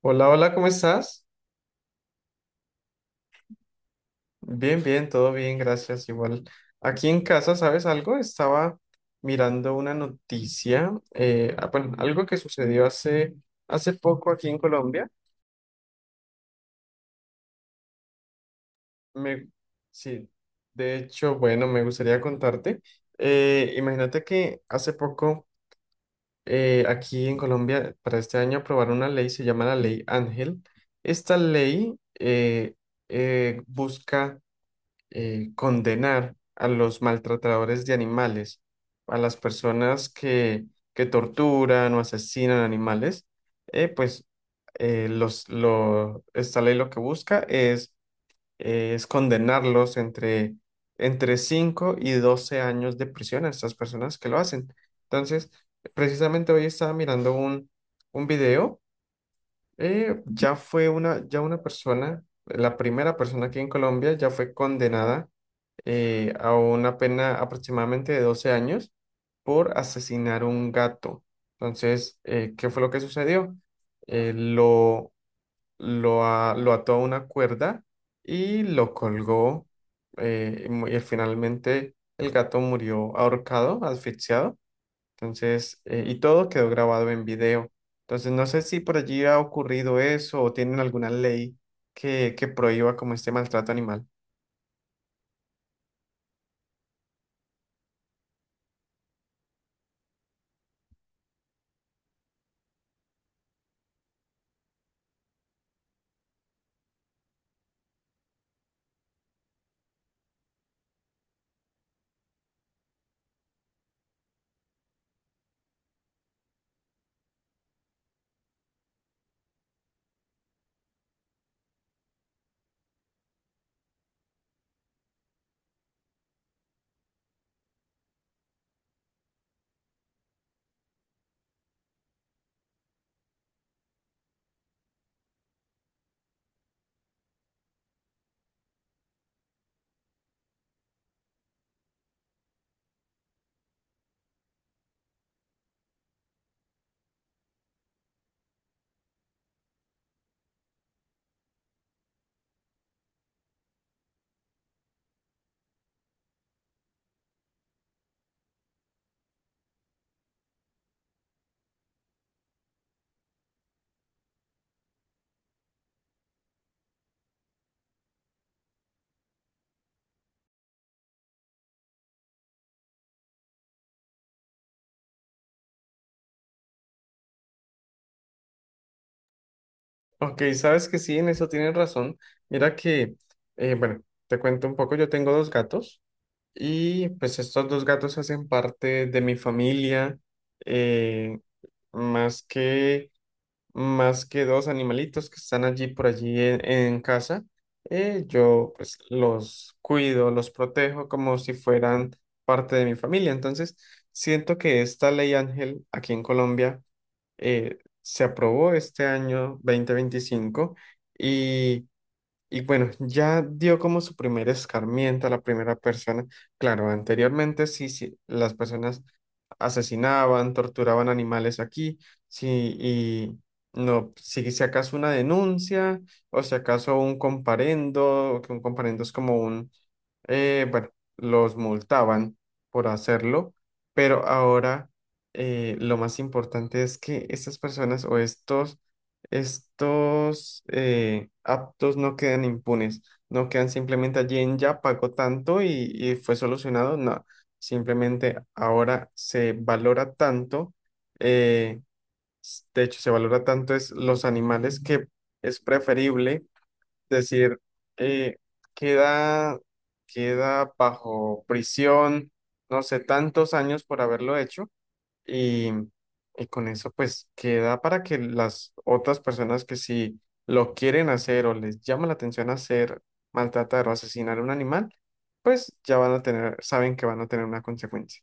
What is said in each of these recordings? Hola, hola, ¿cómo estás? Bien, bien, todo bien, gracias. Igual, aquí en casa, ¿sabes algo? Estaba mirando una noticia, bueno, algo que sucedió hace poco aquí en Colombia. Me, sí, de hecho, bueno, me gustaría contarte. Imagínate que hace poco, aquí en Colombia, para este año aprobaron una ley, se llama la Ley Ángel. Esta ley eh, busca condenar a los maltratadores de animales, a las que torturan o asesinan animales, eh, pues esta ley lo que es condenarlos entre 5 y 12 años de prisión a estas personas que lo hacen. Entonces, precisamente hoy estaba mirando un video ya una persona, la primera persona aquí en Colombia ya fue condenada, a una pena aproximadamente de 12 años por asesinar un gato. Entonces, ¿qué fue lo que sucedió? Eh, lo, lo ató a una cuerda y lo colgó, y finalmente el gato murió ahorcado, asfixiado. Entonces, y todo quedó grabado en video. Entonces, no sé si por allí ha ocurrido eso o tienen alguna que prohíba como este maltrato animal. Ok, sabes que sí, en eso tienen razón. Mira que, bueno, te cuento un poco, yo tengo dos gatos y pues estos dos gatos hacen parte de mi familia, eh, más que más que dos animalitos que están allí por allí en casa. Eh, yo pues los cuido, los protejo como si fueran parte de mi familia. Entonces, siento que esta ley Ángel aquí en Colombia se aprobó este año 2025 y, y bueno, ya dio como su primer escarmiento a la primera persona. Claro, anteriormente sí, sí, las personas asesinaban, torturaban animales aquí, sí, y no, si acaso una denuncia o si acaso un comparendo, que un comparendo es como bueno, los multaban por hacerlo, pero ahora lo más importante es que estas personas o estos, estos actos no quedan impunes, no quedan simplemente allí en ya pagó tanto y fue solucionado, no. Simplemente ahora se valora tanto, eh, de hecho se valora tanto es los animales que es preferible decir eh, queda, queda bajo prisión, no sé, tantos años por haberlo hecho y, y con eso pues queda para que las otras personas que si lo quieren hacer o les llama la atención hacer, maltratar o asesinar a un animal, pues ya van a saben que van a tener una consecuencia.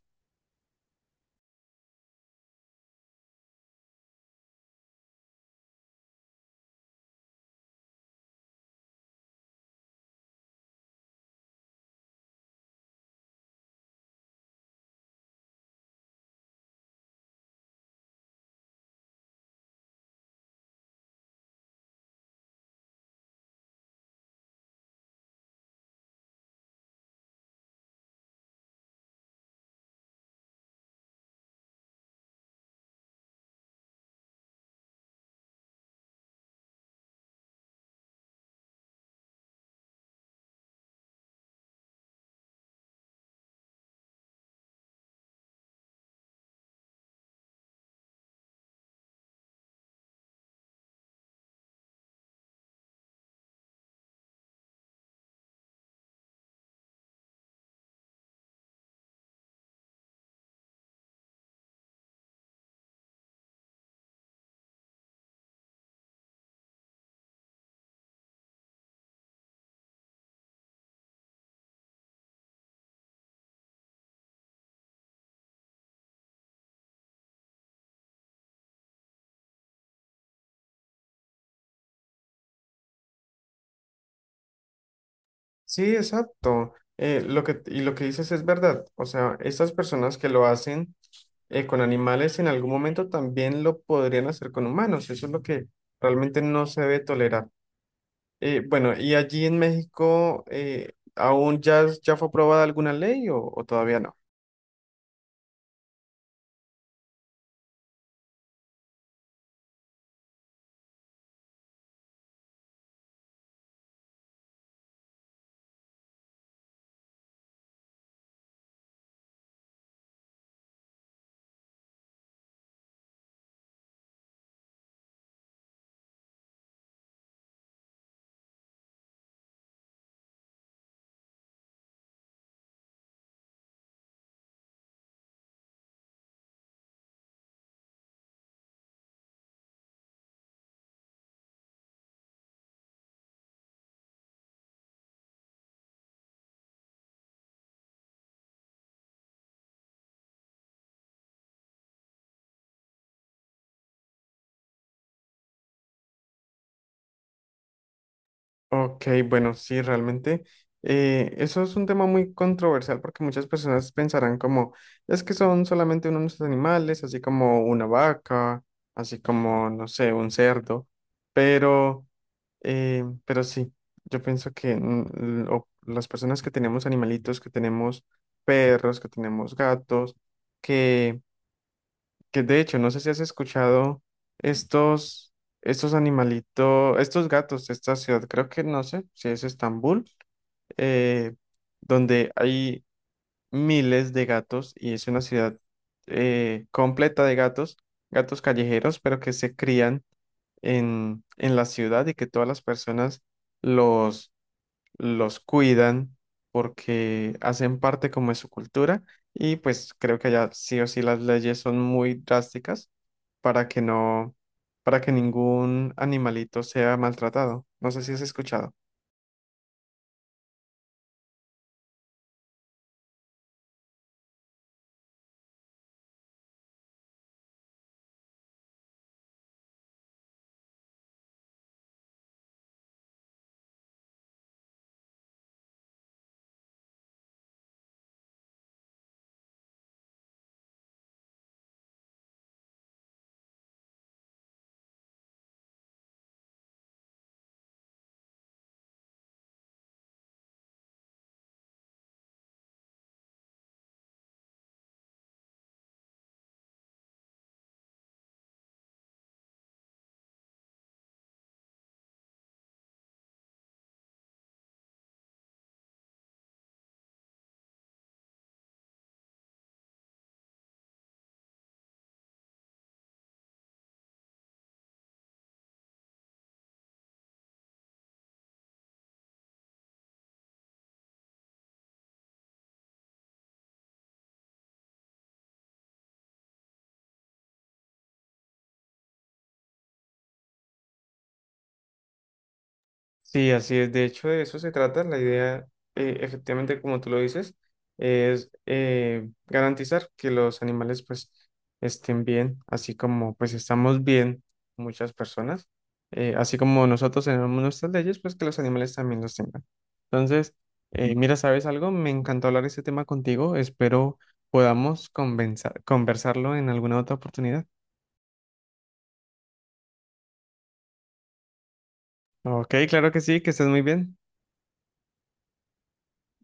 Sí, exacto. Y lo que dices es verdad. O sea, estas personas que lo hacen con animales en algún momento también lo podrían hacer con humanos. Eso es lo que realmente no se debe tolerar. Bueno, ¿y allí en México, ya fue aprobada alguna ley o todavía no? Ok, bueno, sí, realmente eso es un tema muy controversial porque muchas personas pensarán como, es que son solamente unos animales, así como una vaca, así como, no sé, un cerdo, pero, pero sí, yo pienso que mm, o las personas que tenemos animalitos, que tenemos perros, que tenemos gatos, que de hecho, no sé si has escuchado estos, estos animalitos, estos gatos de esta ciudad, creo que no sé si es Estambul, eh, donde hay miles de gatos y es una ciudad completa de gatos, gatos callejeros, pero que se crían en la ciudad y que todas las personas los, los cuidan porque hacen parte como de su cultura y pues creo que allá sí o sí las leyes son muy drásticas para que no, para que ningún animalito sea maltratado. No sé si has escuchado. Sí, así es. De hecho, de eso se trata. Efectivamente, como tú lo dices, es garantizar que los animales pues estén bien, así como pues estamos bien muchas personas, así como nosotros tenemos nuestras leyes, pues que los animales también los tengan. Entonces, mira, ¿sabes algo? Me encantó hablar este tema contigo. Espero podamos conversarlo en alguna otra oportunidad. Ok, claro que sí, que estés muy bien.